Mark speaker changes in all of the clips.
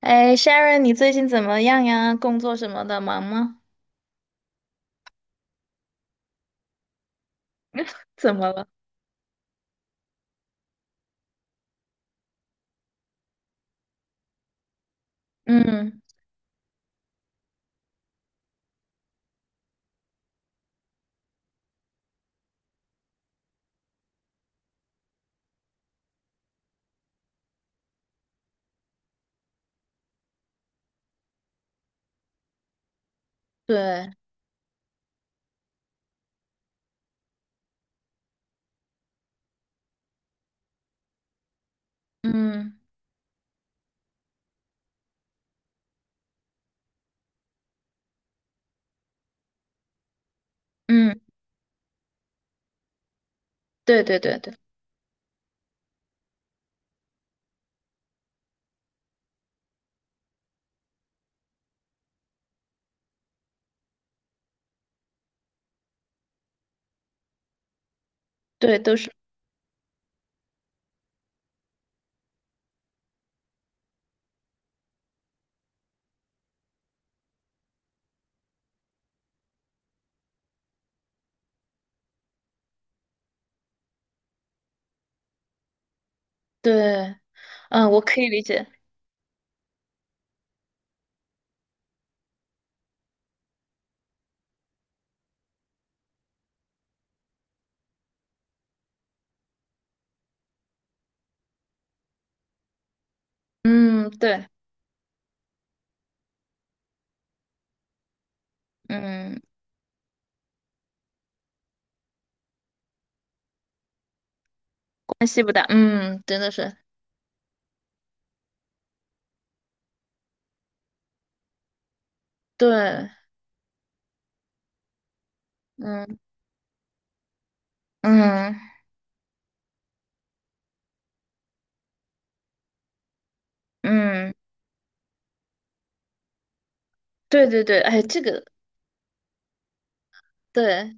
Speaker 1: 哎，Sharon，你最近怎么样呀？工作什么的，忙吗？怎么了？嗯，对，嗯嗯，对对对对对，都是对，嗯，我可以理解，嗯，对，嗯，关系不大，嗯，真的是，对，嗯嗯嗯，对对对，哎，这个，对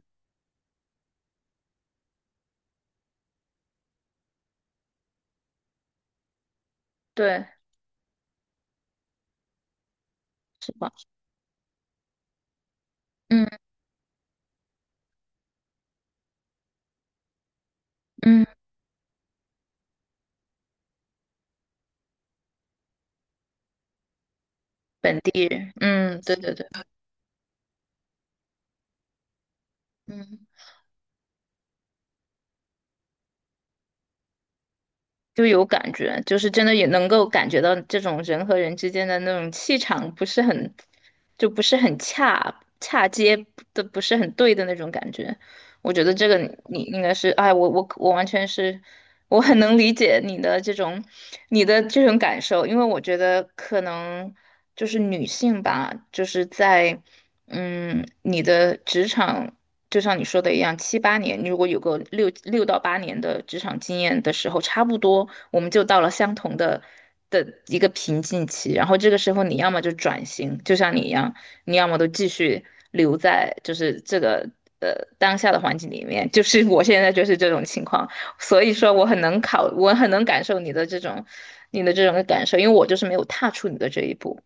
Speaker 1: 对，是吧？嗯嗯，本地人，嗯，对对对，嗯。就有感觉，就是真的也能够感觉到这种人和人之间的那种气场不是很，就不是很恰接的，不是很对的那种感觉。我觉得这个你应该是，哎，我完全是，我很能理解你的这种你的这种感受。因为我觉得可能就是女性吧，就是在你的职场。就像你说的一样，七八年，你如果有个六到八年的职场经验的时候，差不多我们就到了相同的一个瓶颈期。然后这个时候，你要么就转型，就像你一样，你要么都继续留在就是这个呃当下的环境里面。就是 我现在就是这种情况，所以说我很能考，我很能感受你的这种感受，因为我就是没有踏出你的这一步。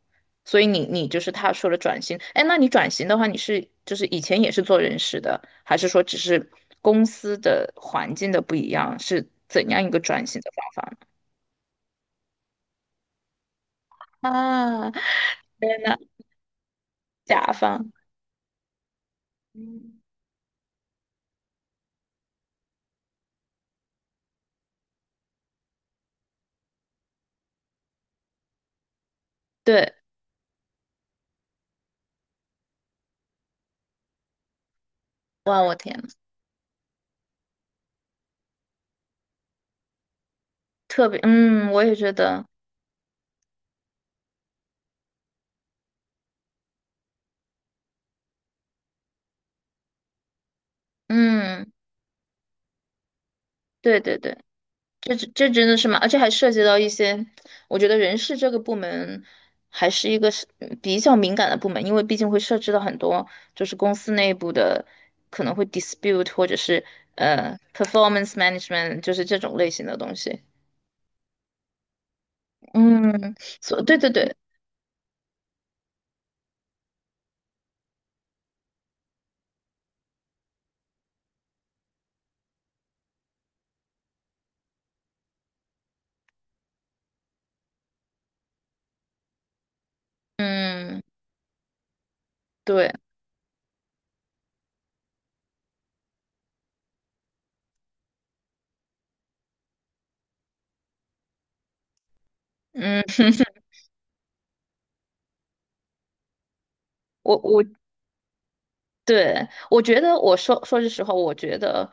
Speaker 1: 所以你就是他说的转型。哎，那你转型的话，你是就是以前也是做人事的，还是说只是公司的环境的不一样，是怎样一个转型的方法呢？啊，甲方，嗯对，哇，我天，特别，嗯，我也觉得，嗯，对对对。这真的是吗？而且还涉及到一些，我觉得人事这个部门还是一个是比较敏感的部门，因为毕竟会涉及到很多就是公司内部的可能会 dispute 或者是performance management，就是这种类型的东西。嗯，对对对，嗯对，嗯，我对，我觉得说说句实话，我觉得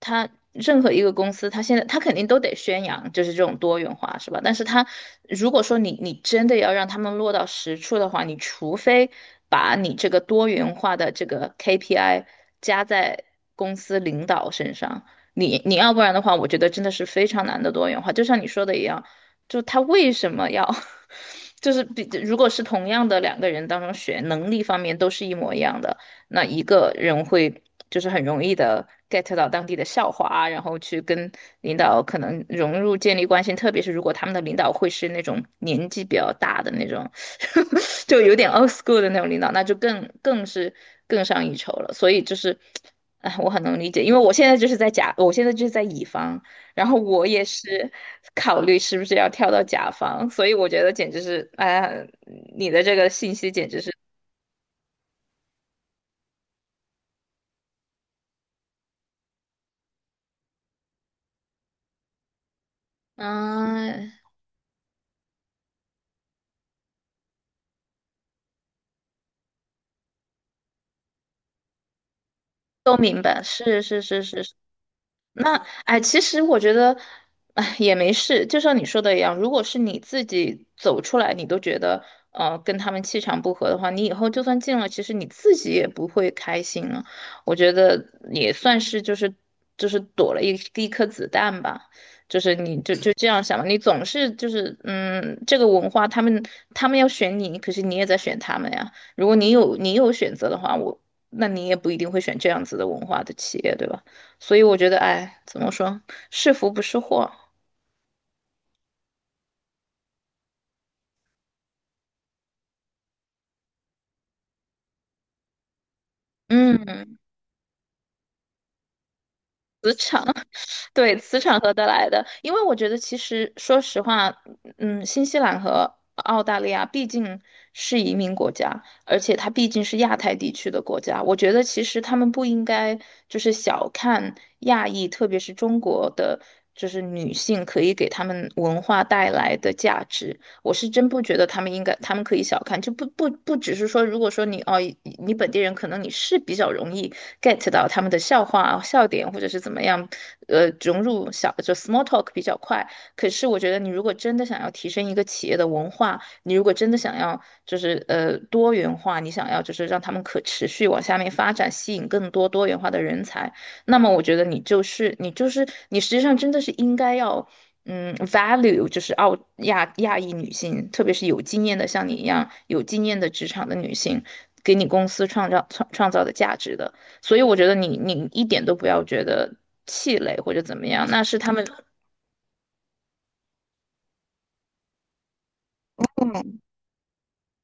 Speaker 1: 他任何一个公司，他现在肯定都得宣扬就是这种多元化，是吧？但是他如果说你真的要让他们落到实处的话，你除非把你这个多元化的这个 KPI 加在公司领导身上，你要不然的话，我觉得真的是非常难的多元化。就像你说的一样，就他为什么要 就是比，如果是同样的两个人当中选能力方面都是一模一样的。那一个人会就是很容易的 get 到当地的笑话啊，然后去跟领导可能融入建立关系，特别是如果他们的领导会是那种年纪比较大的那种，就有点 old school 的那种领导，那就更是更上一筹了。所以就是，哎，我很能理解，因为我现在就是在乙方，然后我也是考虑是不是要跳到甲方，所以我觉得简直是，哎呀，你的这个信息简直是。嗯，都明白，是是是是是，那哎，其实我觉得，哎，也没事。就像你说的一样，如果是你自己走出来，你都觉得跟他们气场不合的话，你以后就算进了，其实你自己也不会开心了。我觉得也算是就是躲了一颗子弹吧。就是你就这样想吧，你总是就是嗯，这个文化他们要选你，可是你也在选他们呀。如果你有选择的话，那你也不一定会选这样子的文化的企业，对吧？所以我觉得，哎，怎么说，是福不是祸。嗯，磁场，对，磁场合得来的。因为我觉得，其实说实话，嗯，新西兰和澳大利亚毕竟是移民国家，而且它毕竟是亚太地区的国家。我觉得，其实他们不应该就是小看亚裔，特别是中国的，就是女性可以给他们文化带来的价值。我是真不觉得他们应该，他们可以小看，就不只是说，如果说你哦，你本地人可能你是比较容易 get 到他们的笑话、笑点，或者是怎么样，融入就 small talk 比较快。可是我觉得你如果真的想要提升一个企业的文化，你如果真的想要就是多元化，你想要就是让他们可持续往下面发展，吸引更多元化的人才，那么我觉得你就是你就是你实际上真的是应该要。嗯，value 就是亚裔女性，特别是有经验的，像你一样有经验的职场的女性，给你公司创造的价值的。所以我觉得你一点都不要觉得气馁或者怎么样，那是他们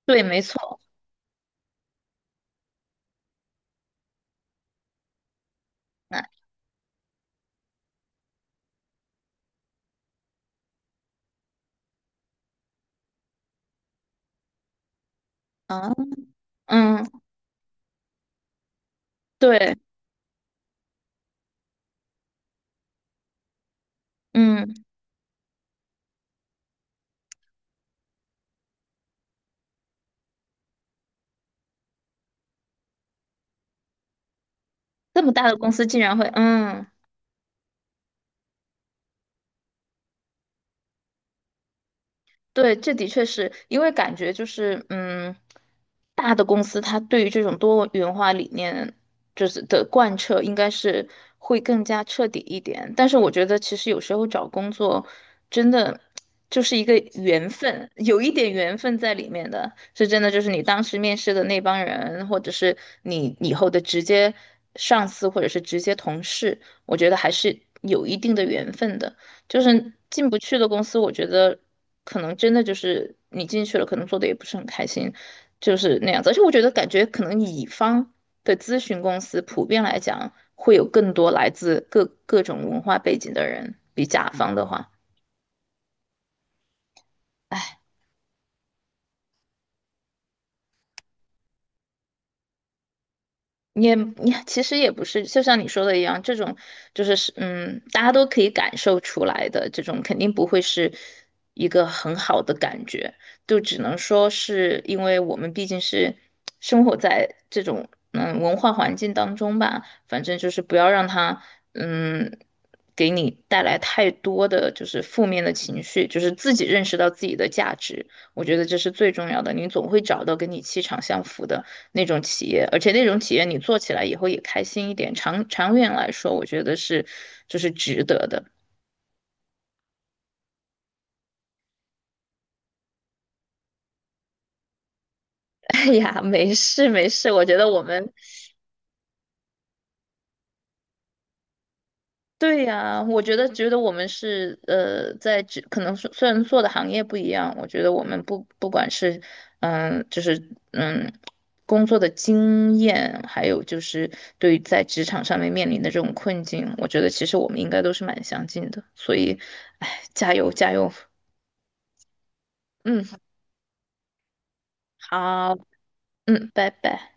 Speaker 1: 对，没错，啊，嗯，对，嗯，这么大的公司竟然会嗯。对，这的确是因为感觉就是，嗯，大的公司它对于这种多元化理念的贯彻，应该是会更加彻底一点。但是我觉得，其实有时候找工作真的就是一个缘分，有一点缘分在里面的，是真的。就是你当时面试的那帮人，或者是你以后的直接上司，或者是直接同事，我觉得还是有一定的缘分的。就是进不去的公司，我觉得。可能真的就是你进去了，可能做的也不是很开心，就是那样子。而且我觉得，感觉可能乙方的咨询公司普遍来讲，会有更多来自各种文化背景的人，比甲方的话。唉。你其实也不是，就像你说的一样，这种就是嗯，大家都可以感受出来的，这种肯定不会是一个很好的感觉，就只能说是因为我们毕竟是生活在这种文化环境当中吧，反正就是不要让它嗯给你带来太多的就是负面的情绪，就是自己认识到自己的价值，我觉得这是最重要的，你总会找到跟你气场相符的。那种企业，而且那种企业你做起来以后也开心一点，长远来说，我觉得是就是值得的。哎呀，没事没事，我觉得我们对呀，我觉得我们是呃，在职可能是虽然做的行业不一样，我觉得我们不管是嗯，就是嗯。工作的经验，还有就是对于在职场上面面临的这种困境，我觉得其实我们应该都是蛮相近的，所以，哎，加油加油，嗯，好。嗯，拜拜。